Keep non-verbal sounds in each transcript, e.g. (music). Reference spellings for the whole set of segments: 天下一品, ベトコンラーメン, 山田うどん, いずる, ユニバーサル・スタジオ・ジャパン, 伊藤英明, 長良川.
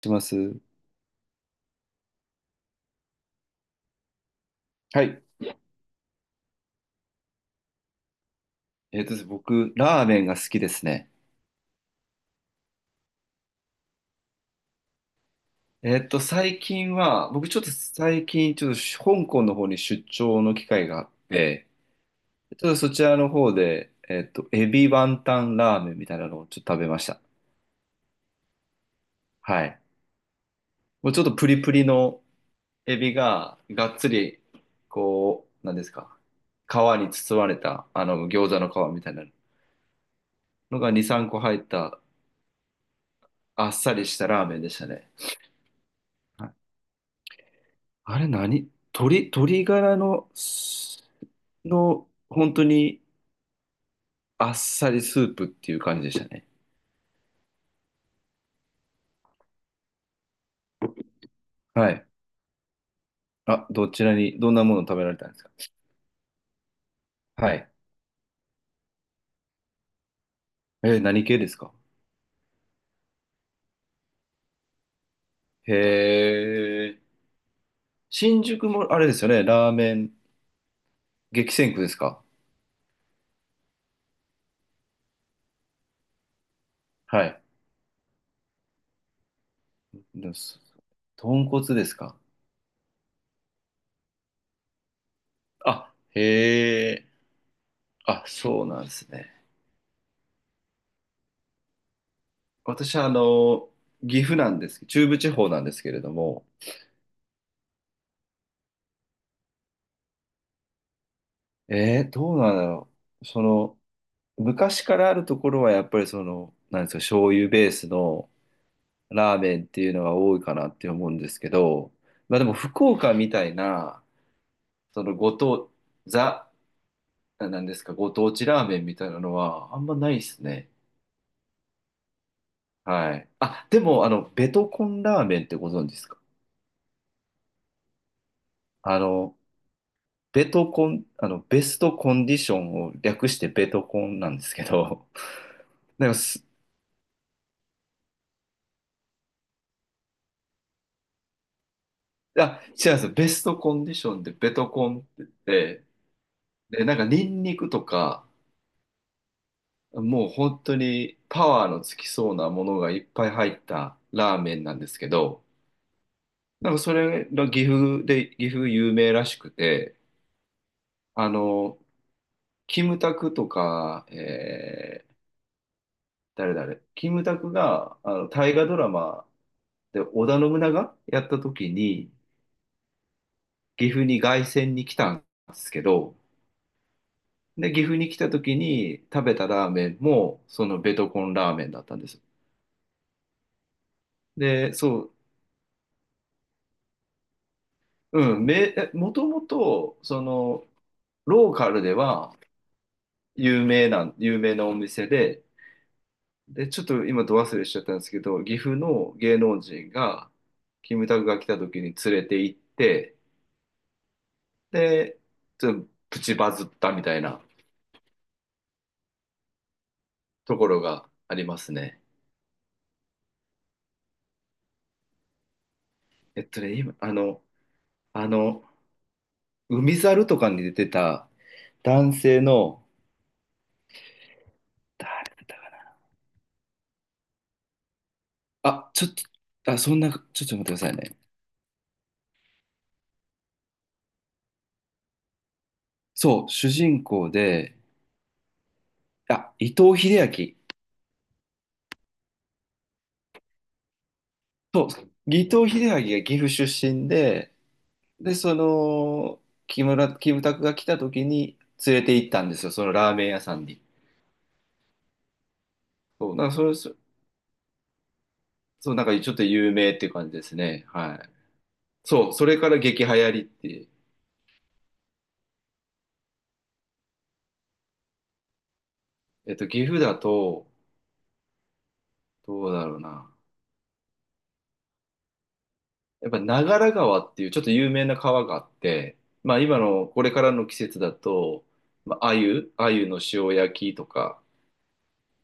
します。はい。ですね僕、ラーメンが好きですね。最近は、僕ちょっと最近、ちょっと香港の方に出張の機会があって、ちょっとそちらの方で、エビワンタンラーメンみたいなのをちょっと食べました。はい。もうちょっとプリプリのエビが、がっつり、こう、なんですか、皮に包まれた、あの、餃子の皮みたいなのが2、3個入った、あっさりしたラーメンでしたね。あれ何鶏ガラの、本当にあっさりスープっていう感じでしたね。はい。あ、どちらに、どんなものを食べられたんですか。はい。何系ですか。へえ。新宿も、あれですよね、ラーメン、激戦区ですか。はい。どす。豚骨ですか。あ、へえ。あ、そうなんですね。私は、あの、岐阜なんです、中部地方なんですけれども、どうなんだろう。その、昔からあるところはやっぱりその、なんですか、醤油ベースのラーメンっていうのが多いかなって思うんですけど、まあでも福岡みたいな、そのご当、ザ、なんですか、ご当地ラーメンみたいなのはあんまないですね。はい。あ、でも、あの、ベトコンラーメンってご存知ですか。あの、ベトコン、あの、ベストコンディションを略してベトコンなんですけど、(laughs) なんかす、あ、違うんですよ。ベストコンディションでベトコンって言って、で、なんかニンニクとか、もう本当にパワーのつきそうなものがいっぱい入ったラーメンなんですけど、なんかそれが岐阜で、岐阜有名らしくて、あの、キムタクとか、キムタクが、あの、大河ドラマで織田信長やった時に、岐阜に凱旋に来たんですけど、で、岐阜に来た時に食べたラーメンも、そのベトコンラーメンだったんです。で、そう、うん、もともと、その、ローカルでは有名なお店で、で、ちょっと今、ど忘れしちゃったんですけど、岐阜の芸能人が、キムタクが来た時に連れて行って、で、ちょっとプチバズったみたいなところがありますね。今、あの、海猿とかに出てた男性の、誰だったかなあ、ちょっと、あ、そんな、ちょっと待ってくださいね。そう、主人公で、あ、伊藤英明。そう、伊藤英明が岐阜出身で、で、その、木村、キムタクが来た時に連れて行ったんですよ、そのラーメン屋さんに。そう、なんかそれ、そう、なんかちょっと有名っていう感じですね。はい。そう、それから激流行りって、岐阜だと、どうだろうな。やっぱ長良川っていうちょっと有名な川があって、まあ今の、これからの季節だと、まあ、鮎の塩焼きとか、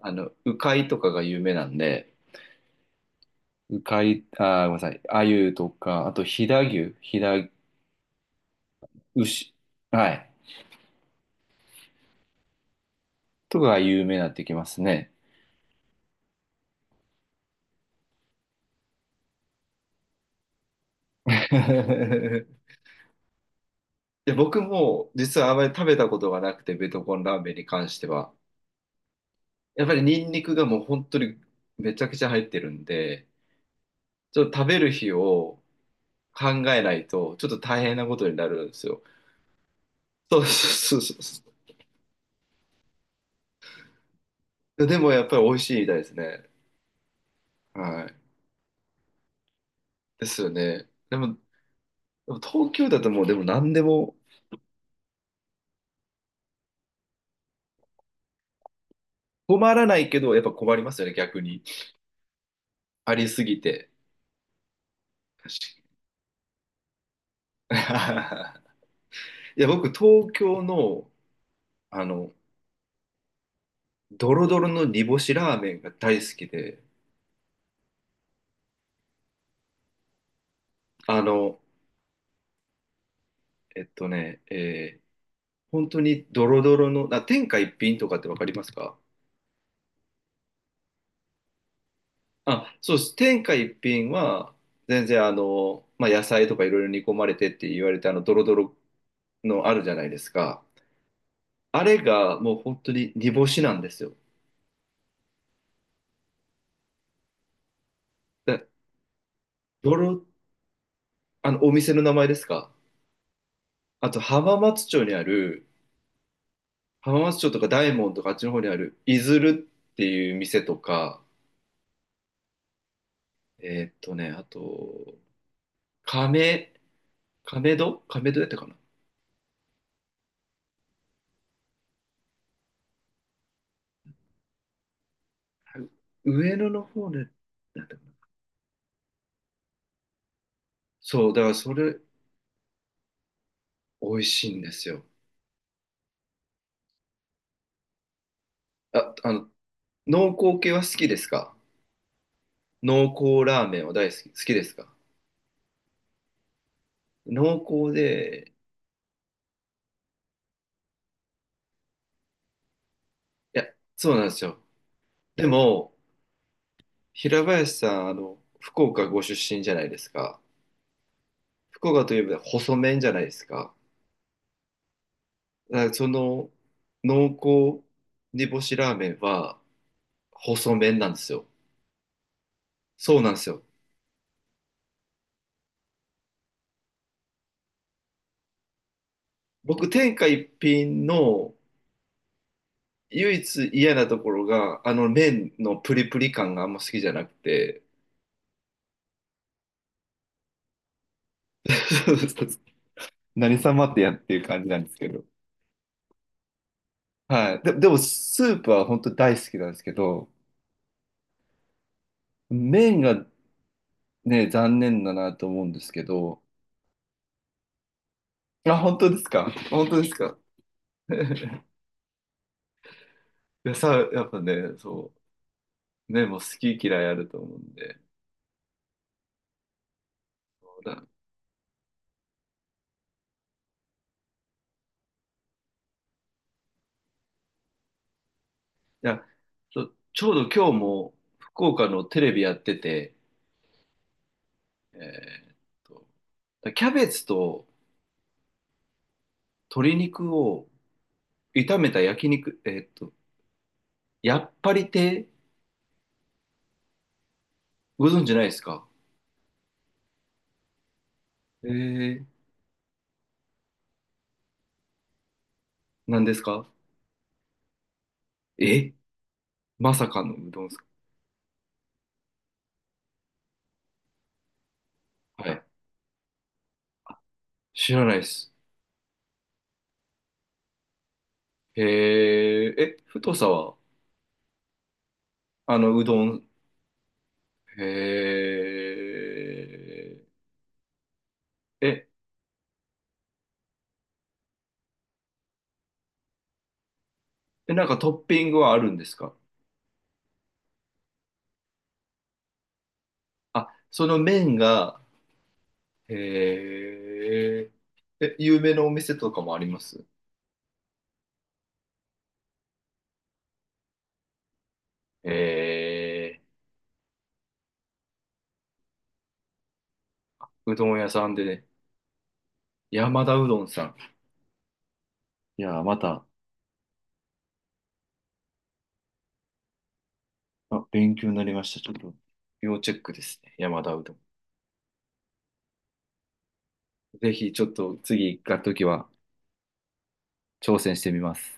あの、鵜飼とかが有名なんで、うかい、あー、ごめんなさい。鮎とか、あと飛騨牛、飛騨牛、はい。とかが有名になってきますね。(laughs) で、僕も実はあまり食べたことがなくて、ベトコンラーメンに関しては。やっぱりニンニクがもう本当にめちゃくちゃ入ってるんで、ちょっと食べる日を考えないと、ちょっと大変なことになるんですよ。そうそうそうそう。でもやっぱり美味しいみたいですね。はい。ですよね。でも、でも東京だともうでも何でも困らないけど、やっぱ困りますよね、逆に。ありすぎて。確かに。 (laughs) いや、僕、東京の、あの、ドロドロの煮干しラーメンが大好きで、あの、えっとね、えー本当にドロドロの、あ、天下一品とかってわかりますか。あ、そうです。天下一品は、全然あの、まあ、野菜とかいろいろ煮込まれてって言われて、あの、ドロドロのあるじゃないですか。あれがもう本当に煮干しなんですよ。で、ドロ、あの、お店の名前ですか。あと浜松町にある、浜松町とか大門とかあっちの方にある、いずるっていう店とか、あと、亀、亀戸やったかな。上野の方で、なんだっけな。そう、だからそれ、美味しいんですよ。あ、あの、濃厚系は好きですか。濃厚ラーメンは大好き、好きですか。濃厚で、いや、そうなんですよ。でも、平林さん、あの、福岡ご出身じゃないですか。福岡といえば細麺じゃないですか。だからその濃厚煮干しラーメンは細麺なんですよ。そうなんですよ。僕、天下一品の唯一嫌なところが、あの麺のプリプリ感があんま好きじゃなくて。(laughs) 何様ってやっていう感じなんですけど。はい。で、でも、スープは本当大好きなんですけど、麺がね、残念だなと思うんですけど。あ、本当ですか。本当ですか。 (laughs) いやさ、やっぱね、そう。ね、もう好き嫌いあると思うんで。だいや、ちょうど今日も福岡のテレビやってて、えーっと、キャベツと鶏肉を炒めた焼肉、やっぱり亭、ご存知ないですか。えー、何ですか。えまさかのうどんですか。はい。知らないです。へえ、え、太さは、あの、うどん、へえ、え、えなんかトッピングはあるんですか。あ、その麺が、へえ、え、有名なお店とかもあります。えうどん屋さんでね、山田うどんさん。いやー、また、あ、勉強になりました。ちょっと、要チェックですね。山田うどん。ぜひ、ちょっと次行った時は挑戦してみます。